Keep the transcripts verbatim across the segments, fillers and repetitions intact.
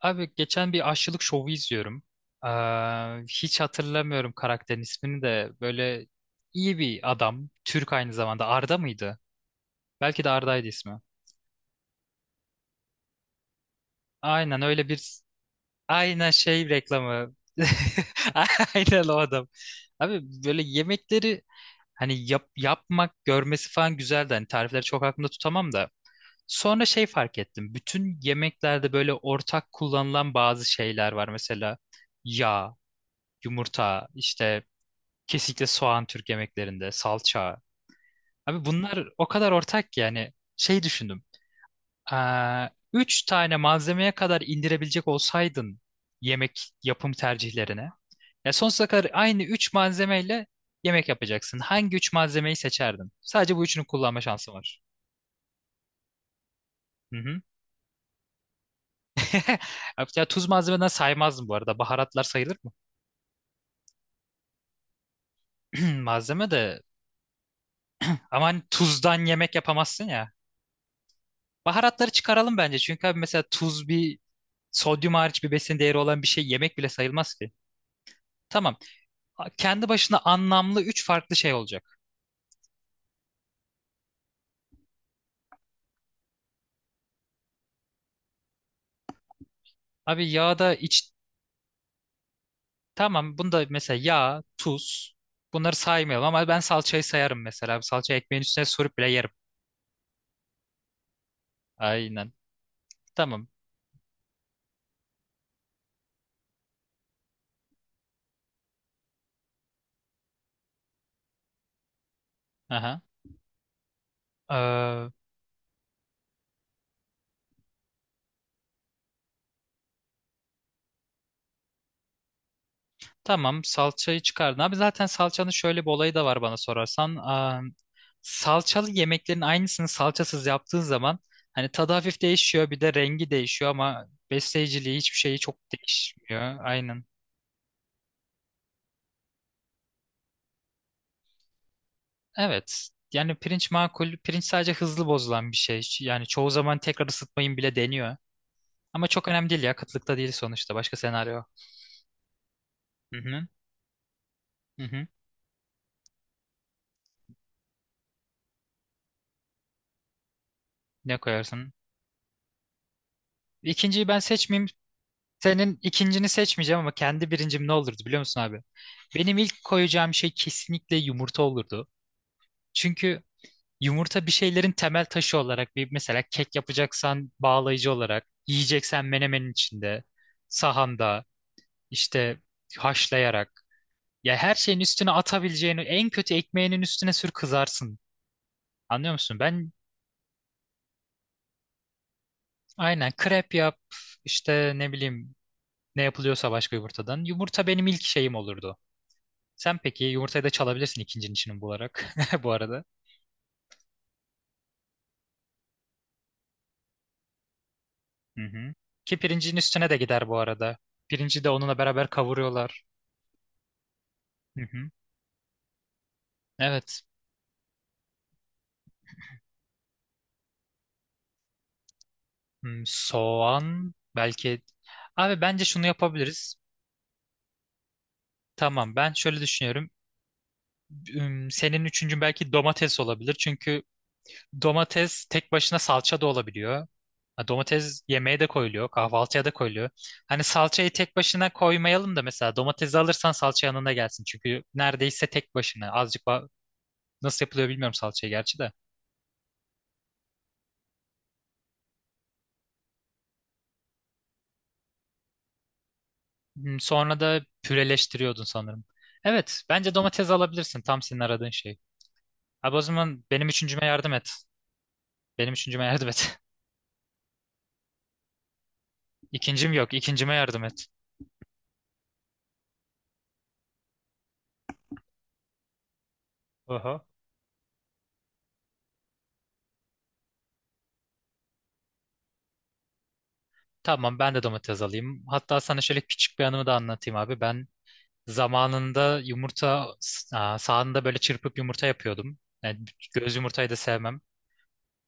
Abi geçen bir aşçılık şovu izliyorum. Ee, Hiç hatırlamıyorum karakterin ismini de. Böyle iyi bir adam. Türk aynı zamanda. Arda mıydı? Belki de Arda'ydı ismi. Aynen öyle bir... Aynen şey reklamı. Aynen o adam. Abi böyle yemekleri hani yap, yapmak, görmesi falan güzeldi. Hani tarifleri çok aklımda tutamam da. Sonra şey fark ettim. Bütün yemeklerde böyle ortak kullanılan bazı şeyler var. Mesela yağ. Yumurta, işte kesinlikle soğan Türk yemeklerinde, salça. Abi bunlar o kadar ortak ki yani şey düşündüm. Aa, üç tane malzemeye kadar indirebilecek olsaydın yemek yapım tercihlerine. Ya sonsuza kadar aynı üç malzemeyle yemek yapacaksın. Hangi üç malzemeyi seçerdin? Sadece bu üçünü kullanma şansın var. Hı hı. Ya tuz malzemeden saymazdım bu arada. Baharatlar sayılır mı? Malzeme de. Ama hani tuzdan yemek yapamazsın ya. Baharatları çıkaralım bence. Çünkü abi mesela tuz bir sodyum hariç bir besin değeri olan bir şey yemek bile sayılmaz ki. Tamam. A- Kendi başına anlamlı üç farklı şey olacak. Abi yağda iç... Tamam bunda mesela yağ, tuz bunları saymayalım ama ben salçayı sayarım mesela. Abi salça ekmeğin üstüne sürüp bile yerim. Aynen. Tamam. Aha. Ee, Tamam salçayı çıkardın. Abi zaten salçanın şöyle bir olayı da var bana sorarsan. Aa, salçalı yemeklerin aynısını salçasız yaptığın zaman hani tadı hafif değişiyor bir de rengi değişiyor ama besleyiciliği hiçbir şeyi çok değişmiyor. Aynen. Evet. Yani pirinç makul. Pirinç sadece hızlı bozulan bir şey. Yani çoğu zaman tekrar ısıtmayın bile deniyor. Ama çok önemli değil ya. Kıtlıkta değil sonuçta. Başka senaryo. Hı hı. Hı hı. Ne koyarsın? İkinciyi ben seçmeyeyim. Senin ikincini seçmeyeceğim ama kendi birincim ne olurdu biliyor musun abi? Benim ilk koyacağım şey kesinlikle yumurta olurdu. Çünkü yumurta bir şeylerin temel taşı olarak bir mesela kek yapacaksan bağlayıcı olarak, yiyeceksen menemenin içinde, sahanda, işte haşlayarak. Ya her şeyin üstüne atabileceğini en kötü ekmeğinin üstüne sür kızarsın. Anlıyor musun? Ben aynen krep yap işte ne bileyim ne yapılıyorsa başka yumurtadan. Yumurta benim ilk şeyim olurdu. Sen peki yumurtayı da çalabilirsin ikincinin içini bularak bu arada. Hı hı. Ki pirincin üstüne de gider bu arada. Pirinci de onunla beraber kavuruyorlar. Hı hı. Evet. Hmm, soğan belki. Abi bence şunu yapabiliriz. Tamam ben şöyle düşünüyorum. Üm, Senin üçüncün belki domates olabilir. Çünkü domates tek başına salça da olabiliyor. Ha, Domates yemeğe de koyuluyor, kahvaltıya da koyuluyor. Hani salçayı tek başına koymayalım da mesela domatesi alırsan salça yanında gelsin. Çünkü neredeyse tek başına. Azıcık ba- nasıl yapılıyor bilmiyorum salçayı gerçi de. Hmm, Sonra da püreleştiriyordun sanırım. Evet, bence domates alabilirsin. Tam senin aradığın şey. Abi o zaman benim üçüncüme yardım et. Benim üçüncüme yardım et. İkincim yok, İkincime yardım et. Aha. Tamam ben de domates alayım. Hatta sana şöyle küçük bir anımı da anlatayım abi. Ben zamanında yumurta s- sahanda böyle çırpıp yumurta yapıyordum. Yani göz yumurtayı da sevmem.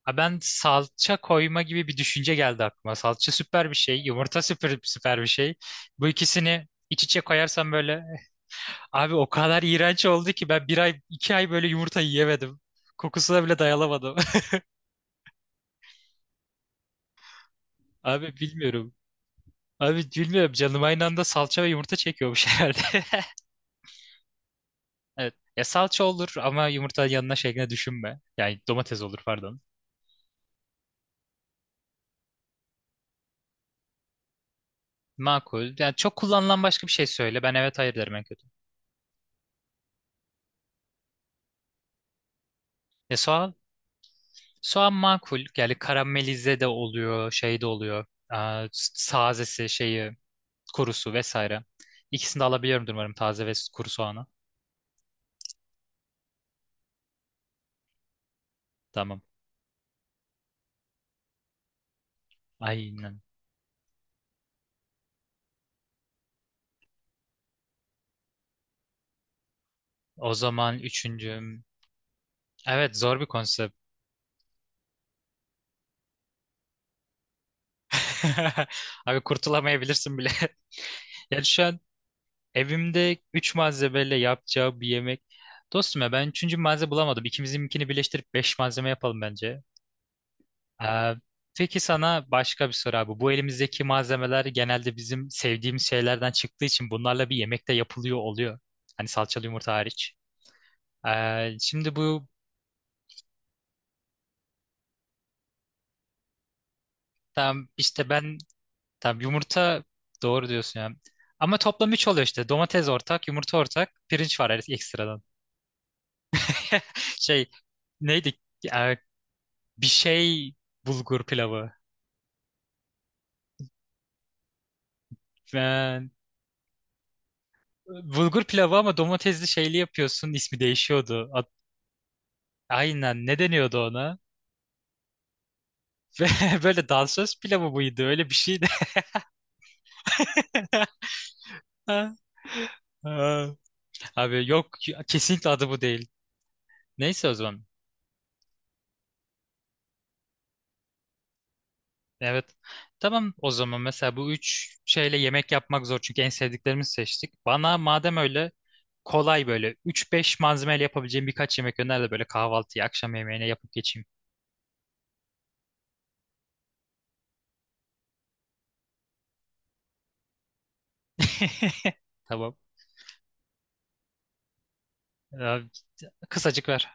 Ha ben salça koyma gibi bir düşünce geldi aklıma. Salça süper bir şey, yumurta süper süper bir şey. Bu ikisini iç içe koyarsam böyle abi o kadar iğrenç oldu ki ben bir ay iki ay böyle yumurta yiyemedim. Kokusuna bile dayanamadım. Abi bilmiyorum. Abi bilmiyorum canım aynı anda salça ve yumurta çekiyormuş herhalde. Evet. Ya salça olur ama yumurta yanına şeklinde düşünme. Yani domates olur pardon. Makul. Yani çok kullanılan başka bir şey söyle. Ben evet hayır derim en kötü. Ya soğan, soğan makul. Yani karamelize de oluyor, şey de oluyor. Aa, s- sazesi, şeyi, kurusu vesaire. İkisini de alabiliyorumdur umarım taze ve kuru soğanı. Tamam. Aynen. O zaman üçüncüm. Evet zor bir konsept. Abi kurtulamayabilirsin bile. Yani şu an evimde üç malzemeyle yapacağı bir yemek. Dostum ya ben üçüncü malzeme bulamadım. İkimizinkini birleştirip beş malzeme yapalım bence. Ee, peki sana başka bir soru abi. Bu elimizdeki malzemeler genelde bizim sevdiğimiz şeylerden çıktığı için bunlarla bir yemekte yapılıyor oluyor. Hani salçalı yumurta hariç. Ee, şimdi bu tam işte ben tam yumurta doğru diyorsun ya. Ama toplam üç oluyor işte. Domates ortak, yumurta ortak, pirinç var er-, ekstradan. Şey neydi? Ee, Bir şey bulgur pilavı. Ben- Bulgur pilavı ama domatesli şeyli yapıyorsun. İsmi değişiyordu. Ad- Aynen ne deniyordu ona? Ve böyle dansöz pilavı mıydı? Öyle bir şeydi. Aa, Abi yok kesinlikle adı bu değil. Neyse o zaman. Evet. Tamam o zaman mesela bu üç şeyle yemek yapmak zor çünkü en sevdiklerimizi seçtik. Bana madem öyle kolay böyle üç beş malzemeyle yapabileceğim birkaç yemek öner de böyle kahvaltıya akşam yemeğine yapıp geçeyim. Tamam. Ee, Kısacık ver.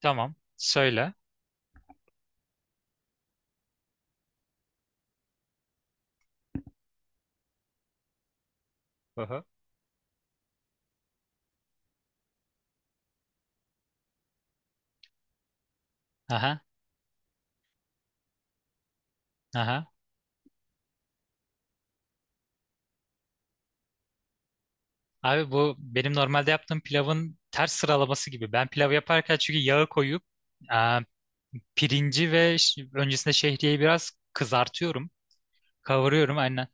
Tamam. Söyle. Aha. Aha. Aha. Abi bu benim normalde yaptığım pilavın ters sıralaması gibi. Ben pilav yaparken çünkü yağı koyup e, pirinci ve ş- öncesinde şehriyeyi biraz kızartıyorum. Kavuruyorum aynen.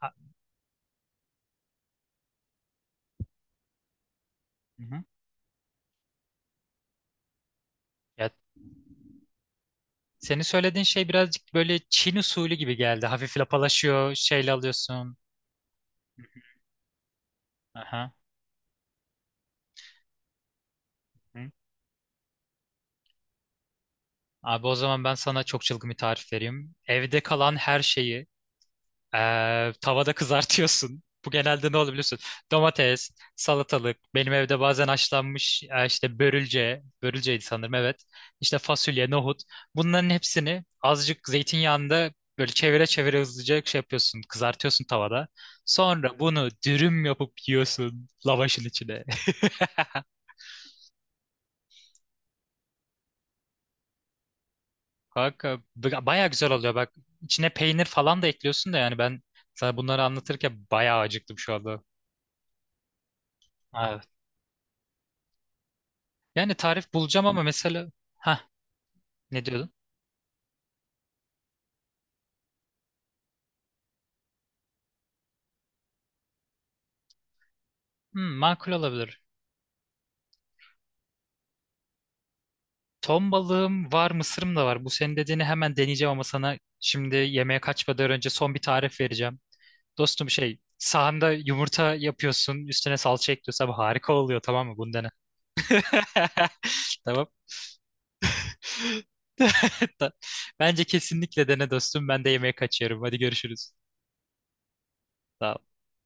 Ha- Hı-hı. Ya, senin söylediğin şey birazcık böyle Çin usulü gibi geldi. Hafif lapalaşıyor, şeyle alıyorsun. Aha. Hı. Abi o zaman ben sana çok çılgın bir tarif vereyim. Evde kalan her şeyi Ee, tavada kızartıyorsun. Bu genelde ne olur biliyorsun? Domates, salatalık, benim evde bazen haşlanmış e, işte börülce, börülceydi sanırım evet. İşte fasulye, nohut. Bunların hepsini azıcık zeytinyağında böyle çevire çevire hızlıca şey yapıyorsun, kızartıyorsun tavada. Sonra bunu dürüm yapıp yiyorsun lavaşın içine. Kanka b- baya güzel oluyor bak. İçine peynir falan da ekliyorsun da yani ben sana bunları anlatırken bayağı acıktım şu anda. Yani tarif bulacağım ama mesela... Ha, ne diyordun? Hmm, makul olabilir. Ton balığım var, mısırım da var. Bu senin dediğini hemen deneyeceğim ama sana şimdi yemeğe kaçmadan önce son bir tarif vereceğim. Dostum şey, sahanda yumurta yapıyorsun, üstüne salça ekliyorsun. Abi harika oluyor tamam mı? Bunu dene. Tamam. Bence kesinlikle dene dostum. Ben de yemeğe kaçıyorum. Hadi görüşürüz. Sağ ol.